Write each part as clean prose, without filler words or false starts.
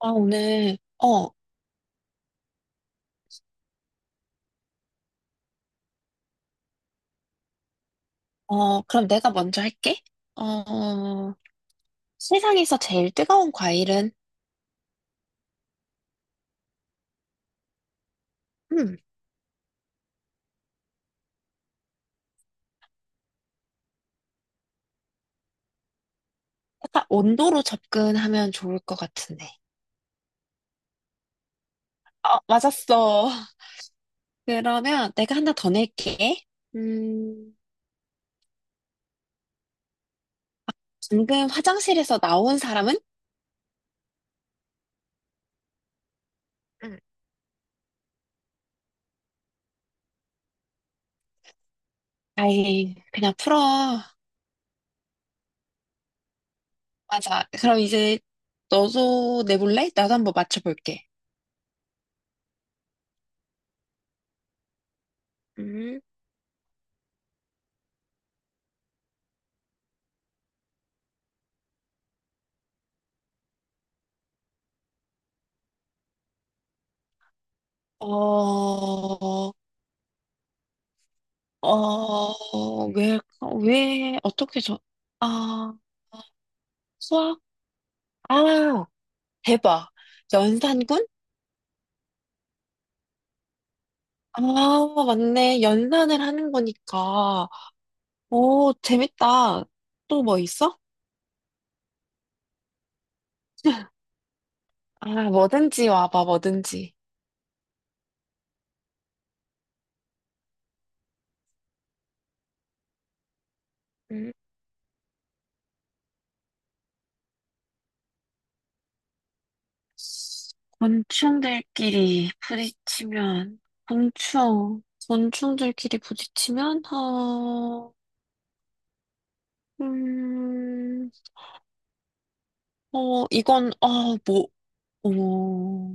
아, 오늘, 어, 그럼 내가 먼저 할게. 어, 세상에서 제일 뜨거운 과일은? 음. 약간 온도로 접근하면 좋을 것 같은데. 맞았어. 그러면 내가 하나 더 낼게. 음. 방금 화장실에서 나온 사람은? 응. 아이, 그냥 풀어. 맞아. 그럼 이제 너도 내볼래? 나도 한번 맞춰볼게. 음, 어, 어, 왜, 왜, 어떻게 저, 아, 수학? 아, 대박. 연산군? 아, 맞네. 연산을 하는 거니까. 오, 재밌다. 또 뭐 있어? 아, 뭐든지 와봐, 뭐든지. 음. 곤충들끼리 부딪히면, 곤충, 곤충들끼리 부딪히면, 음, 이건, 뭐, 어,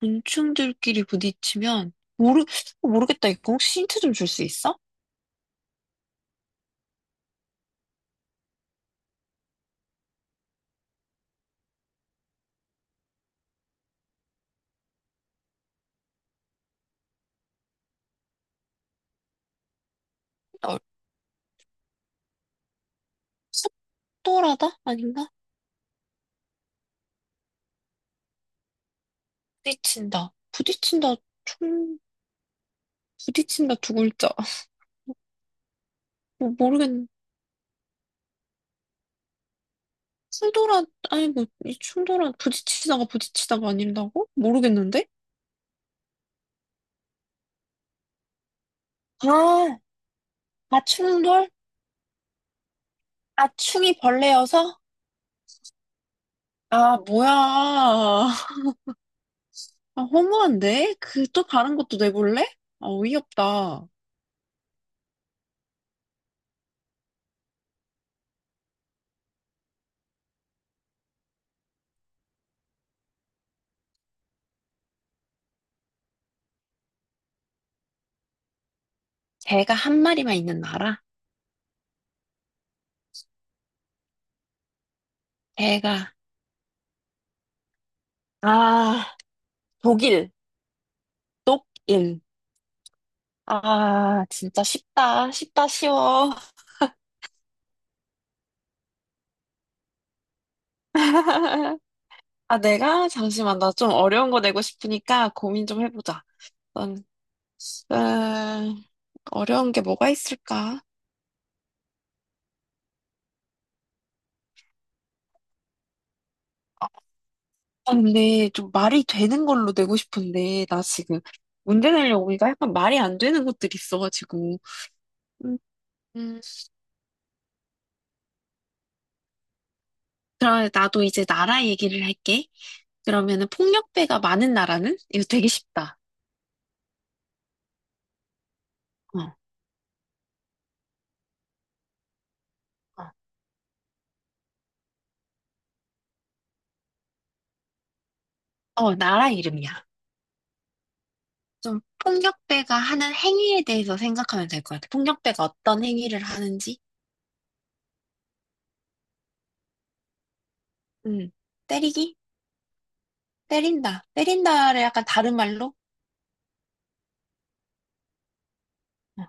곤충들끼리 부딪히면 모르 어, 모르겠다. 이거 혹시 힌트 좀 줄 수 있어? 어, 속도라다? 아닌가? 부딪힌다. 부딪힌다. 총 부딪힌다 두 글자. 모르겠네. 충돌한, 아니 뭐, 이 충돌한, 부딪히다가 부딪히다가 아닌다고? 모르겠는데? 아, 충돌? 아, 충이 벌레여서? 아, 뭐야. 아, 허무한데? 그 또 다른 것도 내볼래? 아, 어이없다. 개가 한 마리만 있는 나라? 개가. 아, 독일, 독일. 아, 진짜 쉽다. 쉽다, 쉬워. 아, 내가? 잠시만. 나 좀 어려운 거 내고 싶으니까 고민 좀 해보자. 넌, 어, 어려운 게 뭐가 있을까? 아, 근데 좀 말이 되는 걸로 내고 싶은데, 나 지금 문제 내려고 하니까 약간 말이 안 되는 것들이 있어가지고. 음. 음. 그럼 나도 이제 나라 얘기를 할게. 그러면은 폭력배가 많은 나라는? 이거 되게 쉽다. 어, 어, 어, 나라 이름이야. 좀 폭력배가 하는 행위에 대해서 생각하면 될 것 같아. 폭력배가 어떤 행위를 하는지? 음, 때리기? 때린다. 때린다를 약간 다른 말로? 어,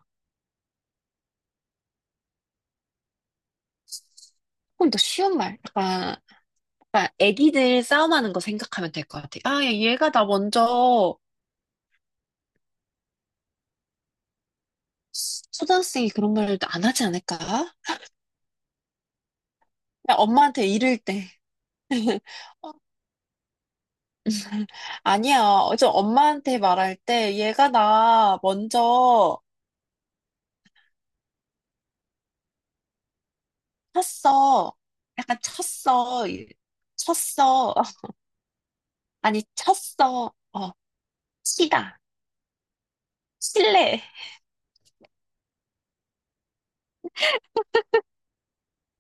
조금 더 쉬운 말. 약간 그러니까 애기들 싸움하는 거 생각하면 될 것 같아. 아, 야, 얘가 나 먼저 초등학생이 그런 말을 안 하지 않을까? 그냥 엄마한테 이를 때. 어. 아니야. 엄마한테 말할 때 얘가 나 먼저 쳤어. 약간 쳤어. 쳤어. 아니, 쳤어. 치다. 칠래.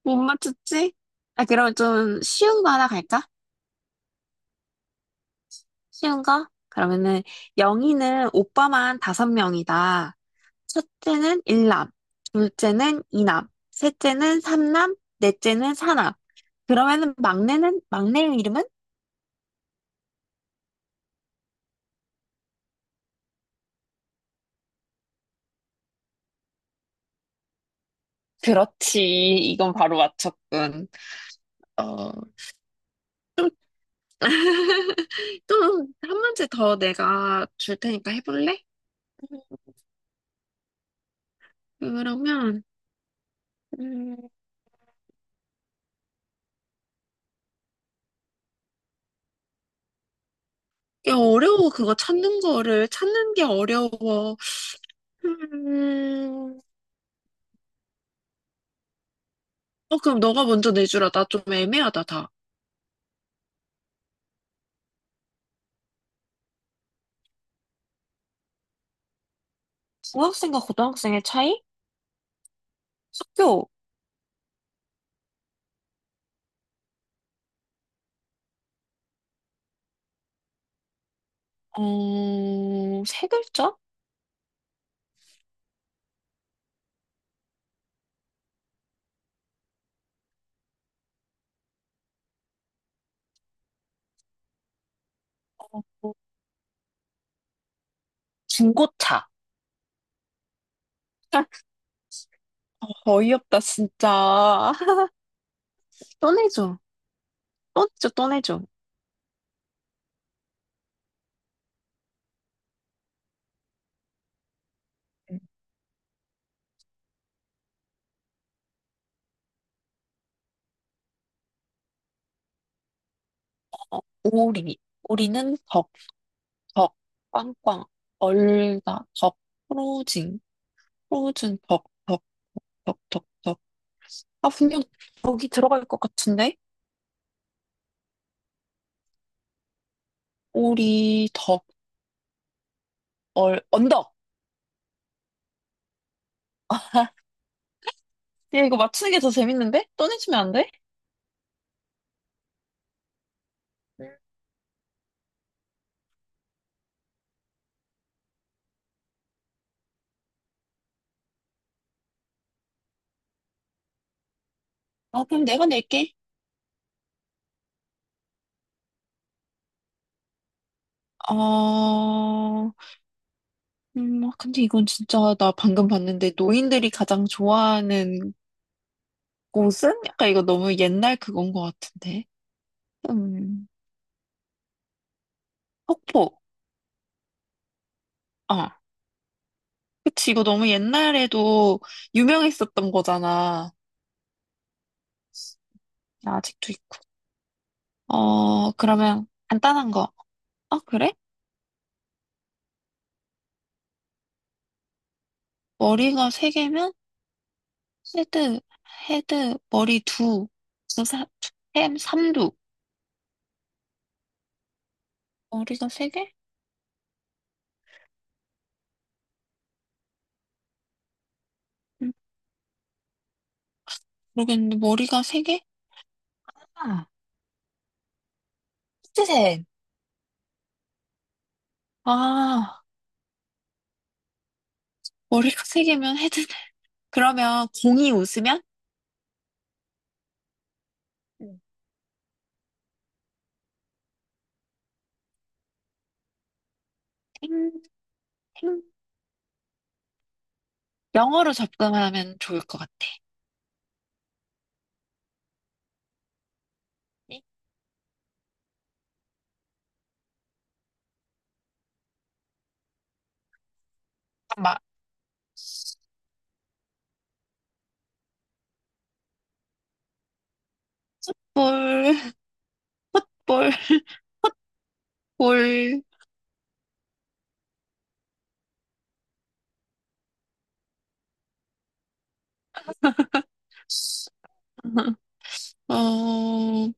못 맞췄지? 아, 그럼 좀 쉬운 거 하나 갈까? 쉬운 거? 그러면은 영희는 오빠만 다섯 명이다. 첫째는 일남, 둘째는 이남, 셋째는 삼남, 넷째는 사남. 그러면은 막내 이름은? 그렇지. 이건 바로 맞췄군. 어. 또 한 문제 더 내가 줄 테니까 해볼래? 그러면, 음, 이게 어려워. 그거 찾는 거를 찾는 게 어려워. 음, 그럼 너가 먼저 내주라. 나 좀 애매하다, 다. 중학생과 고등학생의 차이? 학교, 세 글자? 어, 중고차. 어이없다, 진짜. 떠내줘. 떠내줘, 떠내줘. 오리. 오리는 덕, 덕, 꽝꽝. 얼다, 덕, 프로징, 프로즌, 덕, 덕, 덕, 덕, 덕. 아, 분명 덕이 들어갈 것 같은데? 오리, 덕, 얼, 언덕. 야, 이거 맞추는 게 더 재밌는데? 떠내주면 안 돼? 어, 그럼 내가 낼게. 아, 근데 이건 진짜 나 방금 봤는데 노인들이 가장 좋아하는 곳은? 약간 이거 너무 옛날 그건 것 같은데. 음, 폭포. 아, 그치. 이거 너무 옛날에도 유명했었던 거잖아. 아직도 있고. 그러면 간단한 거. 아, 그래? 머리가 세 개면 헤드, 헤드, 머리 두, 두, 사, 두, 햄, 삼두. 머리가 세 개? 음, 모르겠는데 머리가 세 개? 아, 히트셋. 아, 머리가 세 개면 헤드. 그러면 공이 웃으면 음. 탱, 탱. 영어로 접근하면 좋을 것 같아. 잠깐만. 볼, 볼, 볼. 어,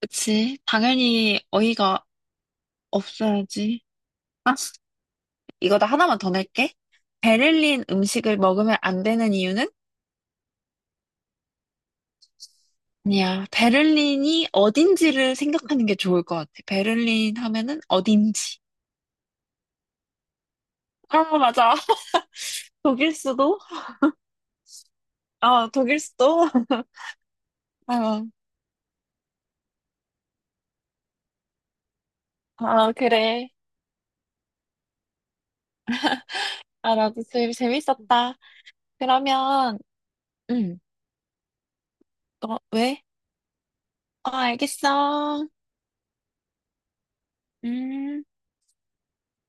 그치. 당연히 어이가 없어야지. 아, 이거 나 하나만 더 낼게. 베를린 음식을 먹으면 안 되는 이유는? 아니야. 베를린이 어딘지를 생각하는 게 좋을 것 같아. 베를린 하면은 어딘지. 아, 맞아. 독일 수도? 아, 독일 수도? 아, 아, 그래. 아, 나도 되 재밌었다. 그러면, 음, 왜? 어, 알겠어. 음.